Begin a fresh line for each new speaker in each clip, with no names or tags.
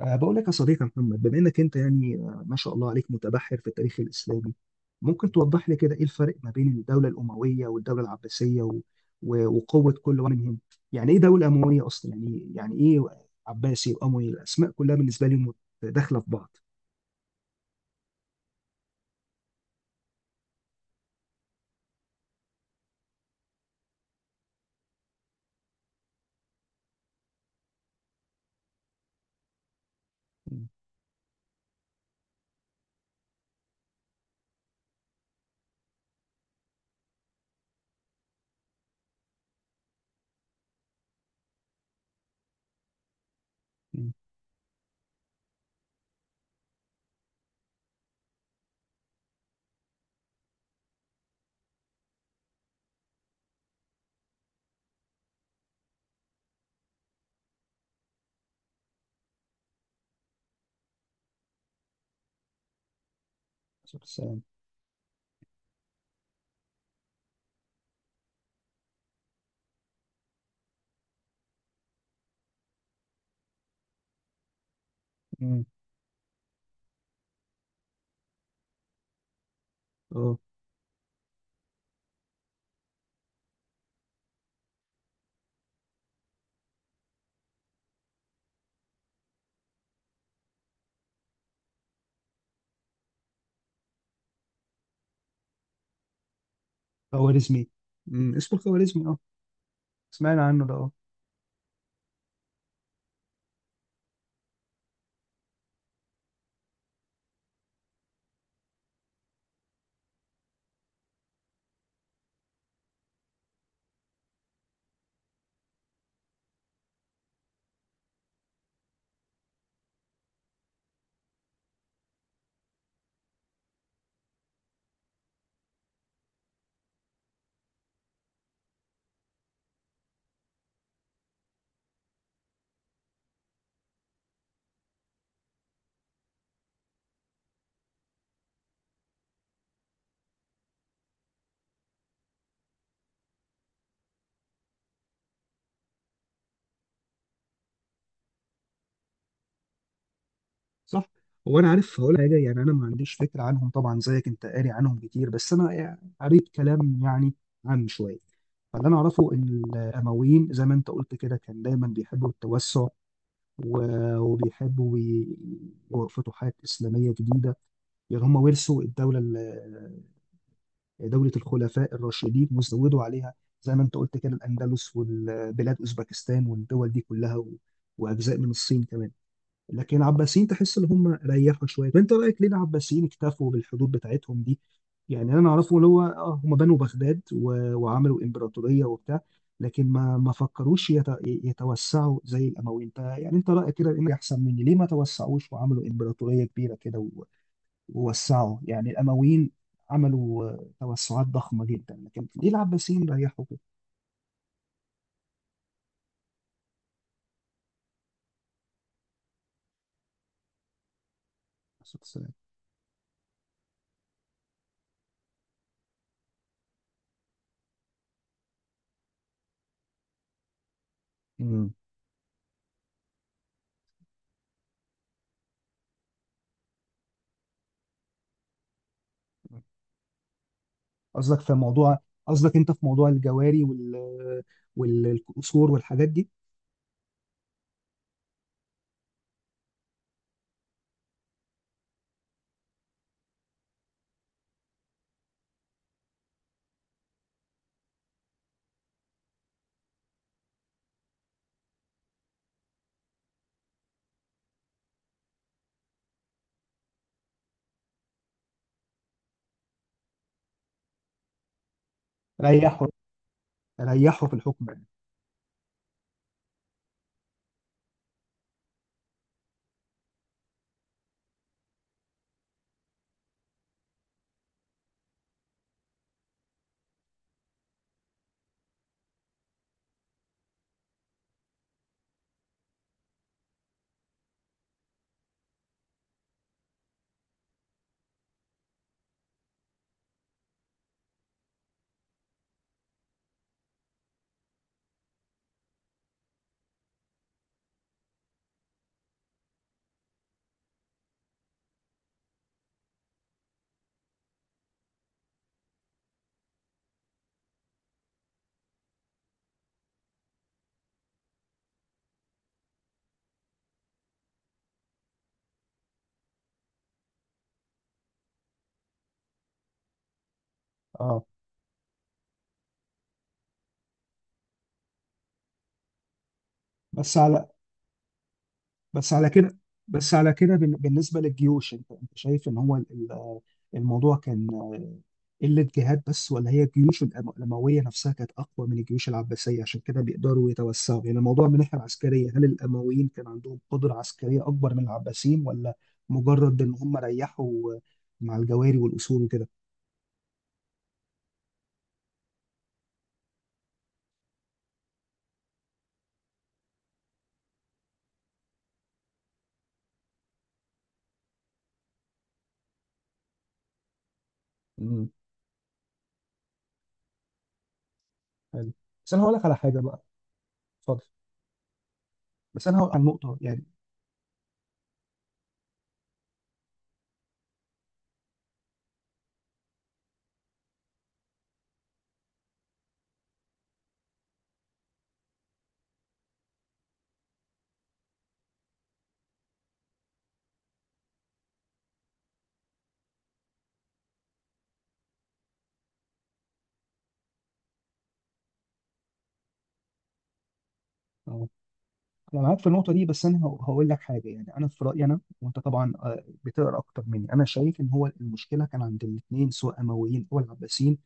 بقول لك يا صديقي محمد، بما انك انت يعني ما شاء الله عليك، متبحر في التاريخ الاسلامي. ممكن توضح لي كده ايه الفرق ما بين الدوله الامويه والدوله العباسيه وقوه كل واحد منهم؟ يعني ايه دوله امويه اصلا؟ يعني ايه؟ عباسي واموي، الاسماء كلها بالنسبه لي داخله في بعض. مم. مم. السلام. مم. اه، خوارزمي. اسمه الخوارزمي، اه. سمعنا عنه ده، اه. صح. هو انا عارف هقول حاجه، يعني انا ما عنديش فكره عنهم طبعا زيك، انت قاري عنهم كتير، بس انا يعني قريت كلام يعني عام شويه. فاللي انا اعرفه ان الامويين، زي ما انت قلت كده، كان دايما بيحبوا التوسع، وبيحبوا يرفضوا حاجات اسلاميه جديده. يعني هم ورثوا دوله الخلفاء الراشدين وزودوا عليها، زي ما انت قلت كده، الاندلس والبلاد اوزبكستان والدول دي كلها، واجزاء من الصين كمان. لكن العباسيين تحس ان هم ريحوا شويه. وانت رايك ليه العباسيين اكتفوا بالحدود بتاعتهم دي؟ يعني انا اعرفه اللي هو، هم بنوا بغداد وعملوا امبراطوريه وبتاع، لكن ما فكروش يتوسعوا زي الاموي. انت، يعني انت رايك كده انك احسن مني، ليه ما توسعوش وعملوا امبراطوريه كبيره كده ووسعوا؟ يعني الامويين عملوا توسعات ضخمه جدا، لكن ليه العباسيين ريحوا كده؟ عليه الصلاة والسلام. مم. قصدك في موضوع، قصدك انت في موضوع الجواري والقصور والحاجات دي. ريحوا ريحوا في الحكم يعني. اه. بس على بس على كده، بالنسبه للجيوش، انت شايف ان هو ال- الموضوع كان، قله جهاد بس، ولا هي الجيوش الامويه نفسها كانت اقوى من الجيوش العباسيه عشان كده بيقدروا يتوسعوا؟ يعني الموضوع من ناحيه عسكريه، هل الامويين كان عندهم قدره عسكريه اكبر من العباسيين، ولا مجرد ان هم ريحوا مع الجواري والاصول وكده؟ حلو. بس انا هقول لك على حاجه بقى. اتفضل. بس انا هقول على النقطه يعني. أهو. انا معاك في النقطه دي، بس انا هقول لك حاجه، يعني انا في رايي، انا وانت طبعا بتقرا اكتر مني، انا شايف ان هو المشكله كان عند الاثنين، سواء امويين او العباسيين.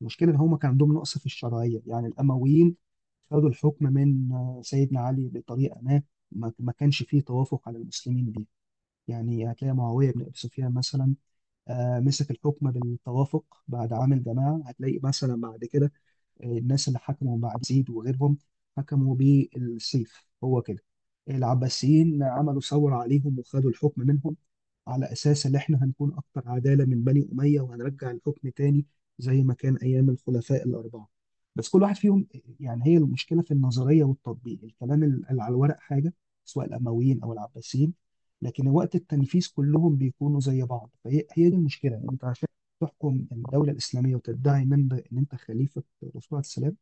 المشكله ان هم كان عندهم نقص في الشرعيه. يعني الامويين خدوا الحكم من، سيدنا علي بطريقه ما، ما كانش فيه توافق على المسلمين بيها. يعني هتلاقي معاويه بن ابي سفيان مثلا، مسك الحكم بالتوافق بعد عام الجماعه. هتلاقي مثلا بعد كده الناس اللي حكموا مع يزيد وغيرهم، حكموا بالسيف، هو كده. العباسيين عملوا ثورة عليهم وخدوا الحكم منهم، على أساس إن إحنا هنكون أكتر عدالة من بني أمية، وهنرجع الحكم تاني زي ما كان أيام الخلفاء الأربعة. بس كل واحد فيهم، يعني هي المشكلة في النظرية والتطبيق، الكلام اللي على الورق حاجة، سواء الأمويين أو العباسيين، لكن وقت التنفيذ كلهم بيكونوا زي بعض. فهي هي دي المشكلة. يعني أنت عشان تحكم الدولة الإسلامية وتدعي من ده إن أنت خليفة الرسول عليه السلام،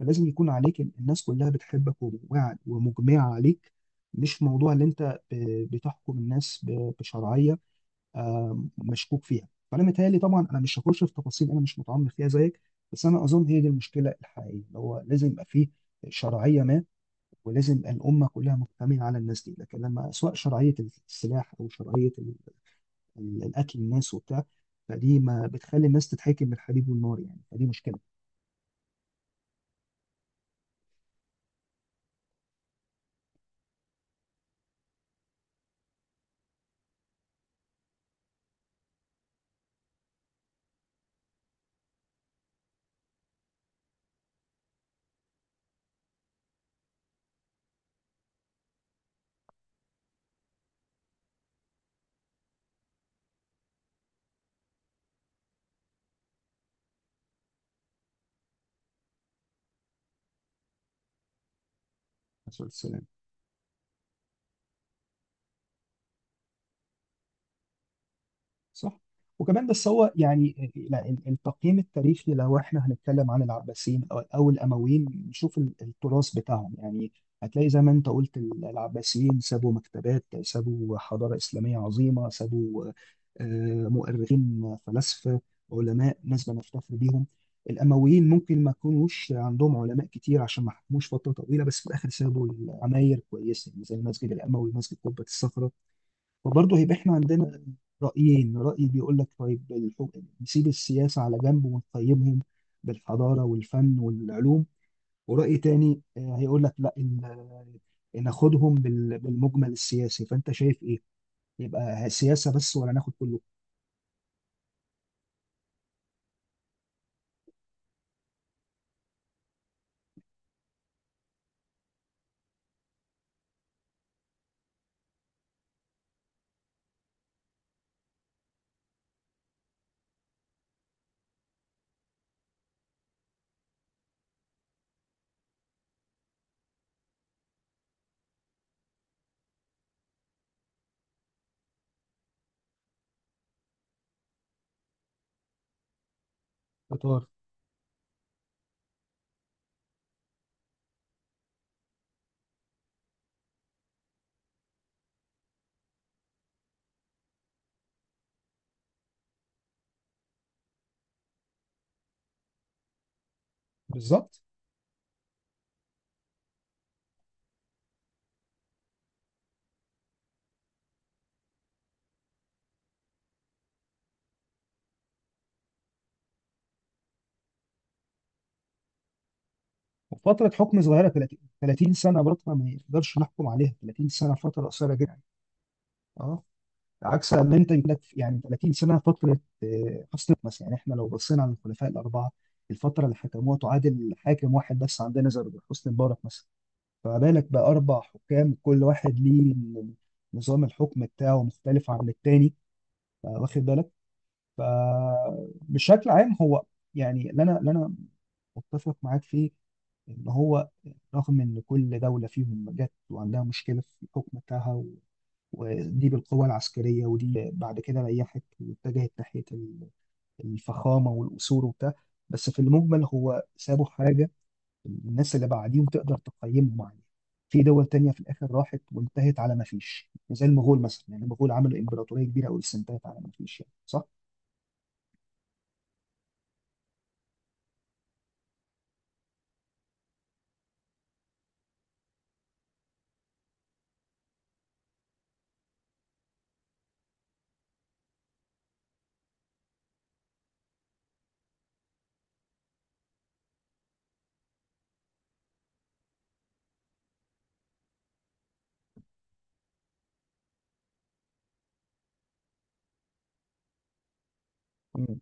فلازم يكون عليك إن الناس كلها بتحبك ومجمعة عليك، مش موضوع اللي أنت بتحكم الناس بشرعية مشكوك فيها. فأنا متهيألي، طبعا أنا مش هخش في تفاصيل، أنا مش متعمق فيها زيك، بس أنا أظن هي دي المشكلة الحقيقية. اللي هو لازم يبقى فيه شرعية ما، ولازم الأمة كلها مجتمعة على الناس دي، لكن لما سواء شرعية السلاح أو شرعية الاكل الناس وبتاع، فدي ما بتخلي الناس تتحكم بالحليب والنار، يعني فدي مشكله. نسأل الله السلامة. صح. وكمان، بس هو يعني، لا، التقييم التاريخي، لو احنا هنتكلم عن العباسيين أو الامويين نشوف التراث بتاعهم يعني، هتلاقي زي ما انت قلت، العباسيين سابوا مكتبات، سابوا حضارة إسلامية عظيمة، سابوا مؤرخين، فلاسفة، علماء، ناس بنفتخر بيهم. الأمويين ممكن ما يكونوش عندهم علماء كتير عشان ما حكموش فترة طويلة، بس في الآخر سابوا عماير كويسة، يعني زي المسجد الأموي، مسجد قبة الصخرة. وبرضه هيبقى احنا عندنا رأيين، رأي بيقول لك طيب، نسيب السياسة على جنب ونقيمهم بالحضارة والفن والعلوم، ورأي تاني هيقول لك لا، ناخدهم بالمجمل السياسي. فأنت شايف إيه؟ يبقى سياسة بس، ولا ناخد كله؟ قطار. بالظبط. وفترة حكم صغيرة، 30 سنة، برضه ما يقدرش نحكم عليها، 30 سنة فترة قصيرة جدا. اه. عكس ان انت يجيلك يعني 30 سنه فتره حسن نفس. يعني احنا لو بصينا على الخلفاء الاربعه، الفتره اللي حكموها تعادل حاكم واحد بس عندنا، زي حسني مبارك مثلا. فما بالك باربع حكام، كل واحد ليه نظام الحكم بتاعه مختلف عن التاني، واخد بالك. فبشكل عام هو، يعني اللي انا متفق معاك فيه ان هو، رغم ان كل دوله فيهم جت وعندها مشكله في الحكم بتاعها، ودي بالقوة العسكرية، ودي بعد كده ريحت واتجهت ناحية الفخامة والقصور وبتاع، بس في المجمل هو سابوا حاجة الناس اللي بعديهم تقدر تقيمهم عليها. في دول تانية في الآخر راحت وانتهت على ما فيش، زي المغول مثلا. يعني المغول عملوا إمبراطورية كبيرة أوي بس انتهت على ما فيش، يعني صح؟ مم.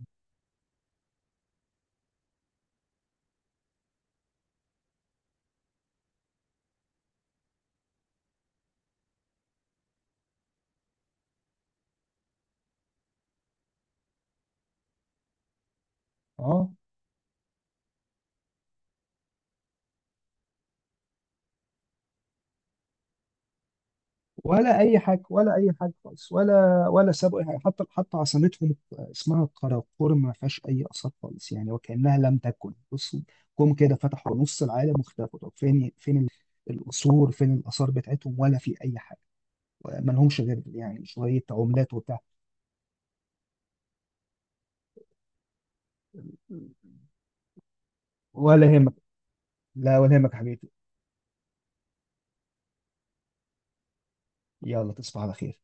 اه. ولا اي حاجه، ولا اي حاجه خالص، ولا سابوا اي حاجه. حتى عاصمتهم اسمها قراقور، ما فيهاش اي اثار خالص، يعني وكانها لم تكن. بصوا جم كده، فتحوا نص العالم واختفوا. طب فين القصور، فين الاثار بتاعتهم، ولا في اي حاجه؟ ما لهمش غير يعني شويه عملات وبتاع. ولا يهمك. لا، ولا يهمك يا حبيبي. يلا، تصبح على خير.